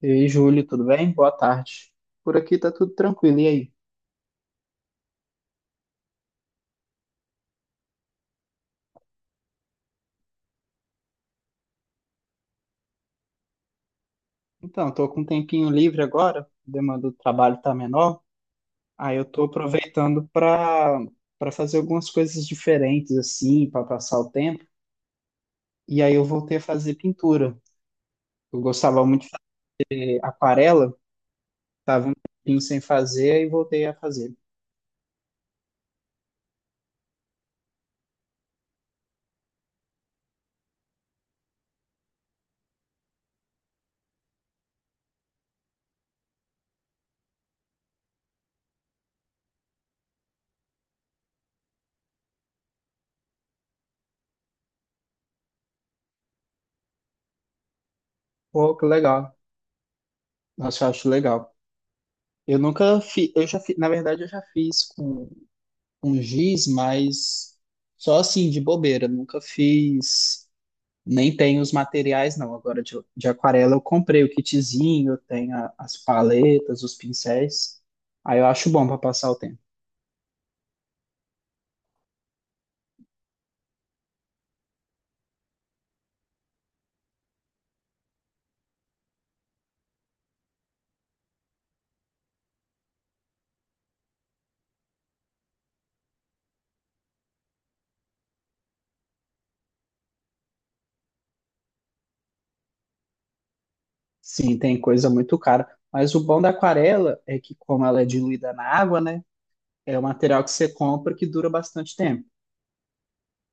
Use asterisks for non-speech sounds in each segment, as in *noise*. E aí, Júlio, tudo bem? Boa tarde. Por aqui tá tudo tranquilo, e aí? Então, tô com um tempinho livre agora, a demanda do trabalho tá menor, aí eu tô aproveitando para fazer algumas coisas diferentes assim, para passar o tempo. E aí eu voltei a fazer pintura. Eu gostava muito de fazer aquarela, tava um tempinho sem fazer e voltei a fazer. Pô, que legal. Nossa, eu acho legal. Eu nunca fiz, eu já fiz, na verdade eu já fiz com giz, mas só assim, de bobeira. Nunca fiz, nem tenho os materiais, não. Agora de aquarela eu comprei o kitzinho, eu tenho as paletas, os pincéis. Aí eu acho bom para passar o tempo. Sim, tem coisa muito cara. Mas o bom da aquarela é que, como ela é diluída na água, né? É um material que você compra que dura bastante tempo.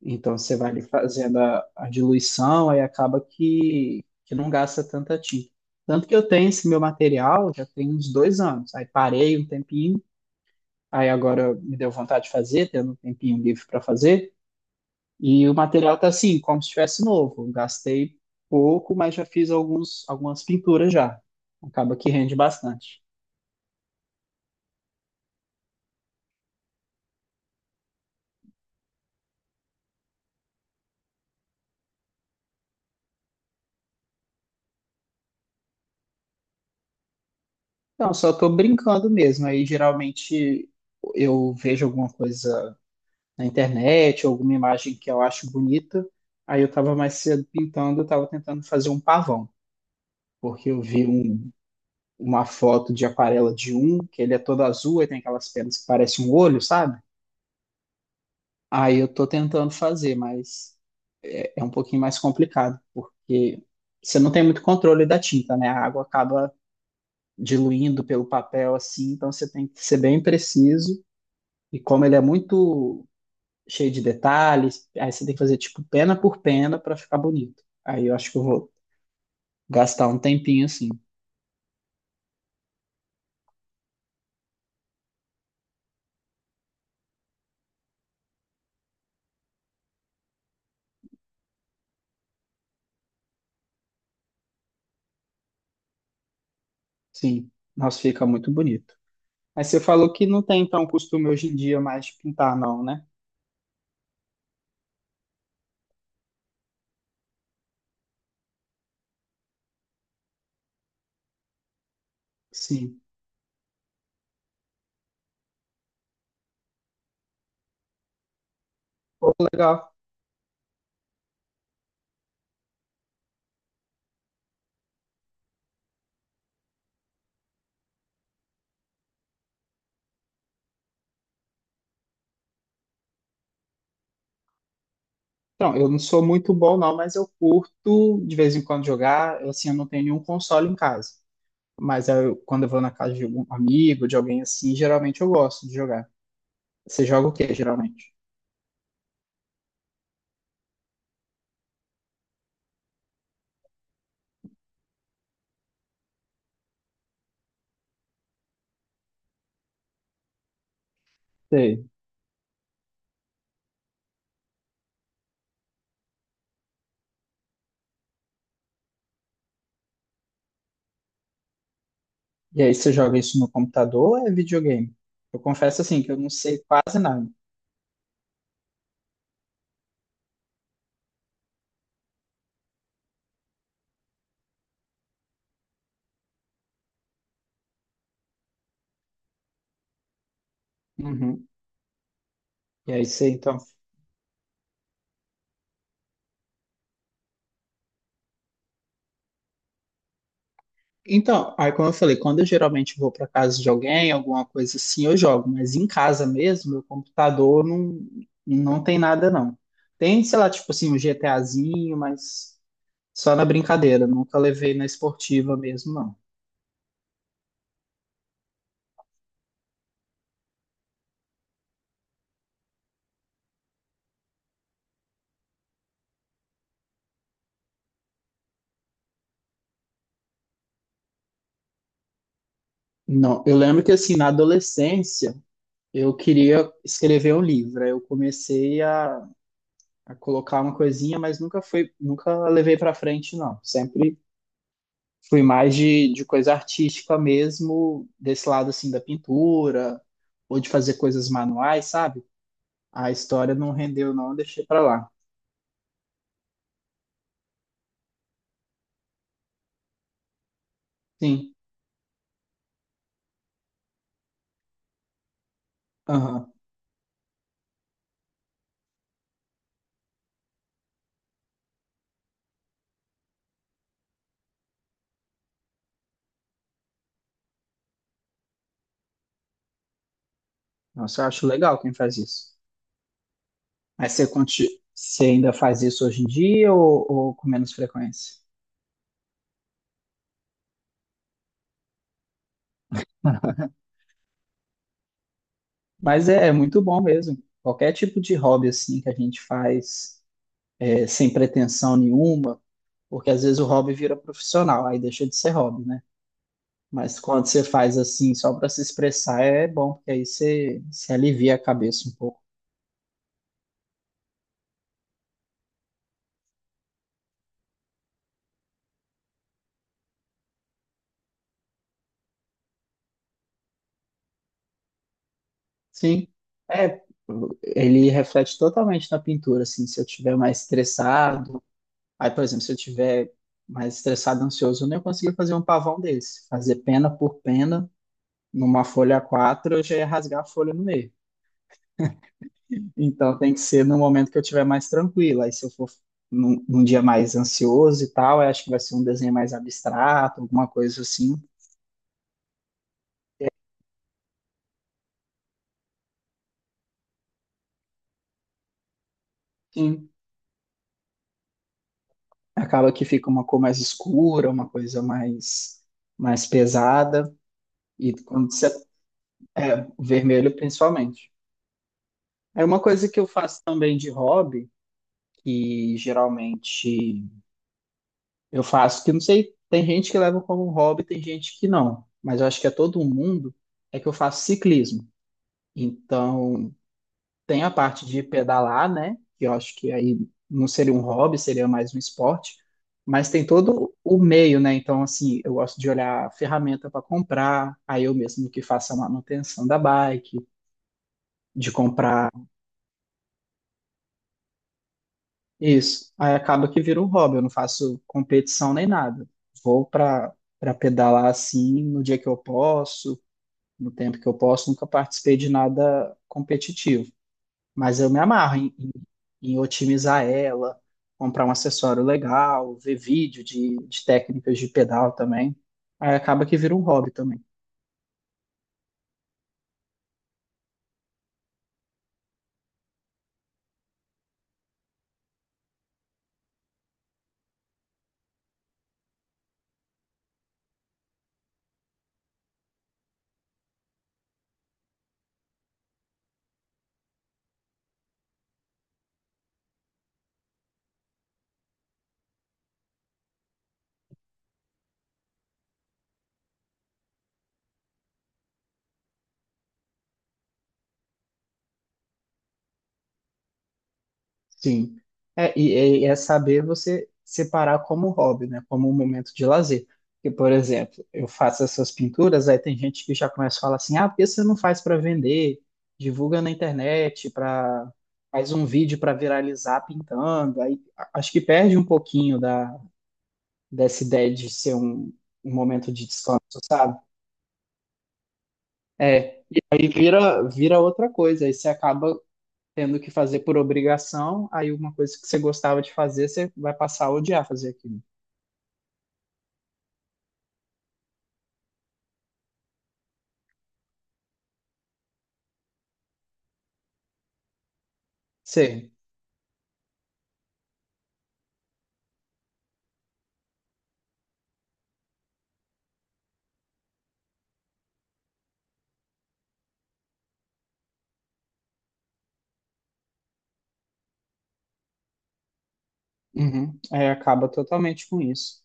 Então você vai ali fazendo a diluição, aí acaba que não gasta tanta tinta. Tanto que eu tenho esse meu material já tem uns dois anos. Aí parei um tempinho, aí agora me deu vontade de fazer, tendo um tempinho livre para fazer. E o material tá assim, como se estivesse novo. Gastei pouco, mas já fiz alguns, algumas pinturas já. Acaba que rende bastante. Então, só estou brincando mesmo. Aí geralmente eu vejo alguma coisa na internet, ou alguma imagem que eu acho bonita. Aí eu estava mais cedo pintando, eu estava tentando fazer um pavão, porque eu vi uma foto de aquarela de um, que ele é todo azul e tem aquelas penas que parecem um olho, sabe? Aí eu estou tentando fazer, mas é um pouquinho mais complicado, porque você não tem muito controle da tinta, né? A água acaba diluindo pelo papel assim, então você tem que ser bem preciso. E como ele é muito cheio de detalhes. Aí você tem que fazer tipo pena por pena para ficar bonito. Aí eu acho que eu vou gastar um tempinho assim. Sim, nossa, fica muito bonito. Mas você falou que não tem então costume hoje em dia mais de pintar, não, né? Sim. Pô, legal. Então, eu não sou muito bom, não, mas eu curto de vez em quando jogar. Eu, assim, eu não tenho nenhum console em casa. Quando eu vou na casa de algum amigo, de alguém assim, geralmente eu gosto de jogar. Você joga o quê, geralmente? E aí você joga isso no computador ou é videogame? Eu confesso assim que eu não sei quase nada. Uhum. E aí você então. Então, aí como eu falei, quando eu geralmente vou para casa de alguém, alguma coisa assim, eu jogo, mas em casa mesmo, meu computador não tem nada não. Tem, sei lá, tipo assim, um GTAzinho, mas só na brincadeira, nunca levei na esportiva mesmo, não. Não, eu lembro que assim, na adolescência, eu queria escrever um livro. Aí eu comecei a colocar uma coisinha, mas nunca foi, nunca levei para frente, não. Sempre fui mais de coisa artística mesmo, desse lado assim da pintura, ou de fazer coisas manuais, sabe? A história não rendeu, não, eu deixei para lá. Sim, aham. Nossa, eu acho legal quem faz isso. Mas você ainda faz isso hoje em dia ou com menos frequência? *laughs* Mas é muito bom mesmo. Qualquer tipo de hobby assim que a gente faz é, sem pretensão nenhuma. Porque às vezes o hobby vira profissional, aí deixa de ser hobby, né? Mas quando você faz assim, só para se expressar, é bom, porque aí você se alivia a cabeça um pouco. Sim, é, ele reflete totalmente na pintura, assim, se eu estiver mais estressado, aí, por exemplo, se eu estiver mais estressado, ansioso, eu nem consegui fazer um pavão desse. Fazer pena por pena, numa folha A4, eu já ia rasgar a folha no meio. Então tem que ser no momento que eu estiver mais tranquila. Aí se eu for num dia mais ansioso e tal, eu acho que vai ser um desenho mais abstrato, alguma coisa assim. Sim. Acaba que fica uma cor mais escura, uma coisa mais pesada. E quando você. É, o vermelho principalmente. É uma coisa que eu faço também de hobby, que geralmente eu faço, que eu não sei, tem gente que leva como hobby, tem gente que não. Mas eu acho que é todo mundo, é que eu faço ciclismo. Então, tem a parte de pedalar, né? Que eu acho que aí não seria um hobby, seria mais um esporte. Mas tem todo o meio, né? Então, assim, eu gosto de olhar a ferramenta para comprar, aí eu mesmo que faço a manutenção da bike, de comprar isso. Aí acaba que vira um hobby, eu não faço competição nem nada. Vou para pedalar assim no dia que eu posso, no tempo que eu posso, nunca participei de nada competitivo. Mas eu me amarro em otimizar ela, comprar um acessório legal, ver vídeo de técnicas de pedal também. Aí acaba que vira um hobby também. Sim. É, e é saber você separar como hobby, né? Como um momento de lazer. Porque, por exemplo, eu faço essas pinturas, aí tem gente que já começa a falar assim, ah, por que você não faz para vender? Divulga na internet, para faz um vídeo para viralizar pintando. Acho que perde um pouquinho dessa ideia de ser um, um momento de descanso, sabe? É, e aí vira outra coisa, aí você acaba tendo que fazer por obrigação, aí uma coisa que você gostava de fazer, você vai passar a odiar fazer aquilo. Sim. Uhum. É, acaba totalmente com isso.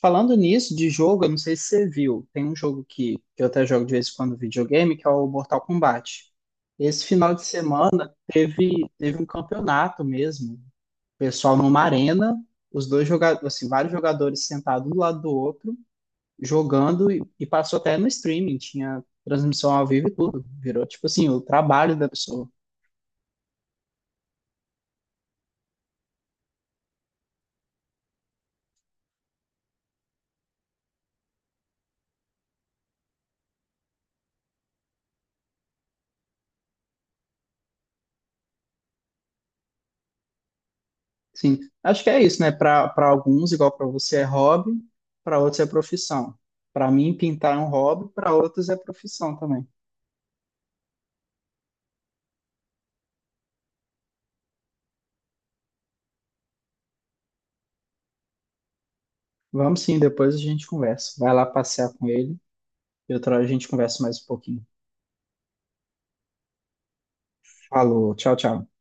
Falando nisso, de jogo, eu não sei se você viu, tem um jogo que eu até jogo de vez em quando videogame, que é o Mortal Kombat. Esse final de semana teve um campeonato mesmo pessoal numa arena, os dois jogadores, assim, vários jogadores sentados um do lado do outro, jogando e passou até no streaming, tinha transmissão ao vivo e tudo. Virou tipo assim, o trabalho da pessoa. Sim, acho que é isso, né? Para alguns, igual para você é hobby, para outros é profissão. Para mim, pintar é um hobby, para outros é profissão também. Vamos sim, depois a gente conversa. Vai lá passear com ele e outra hora a gente conversa mais um pouquinho. Falou, tchau, tchau.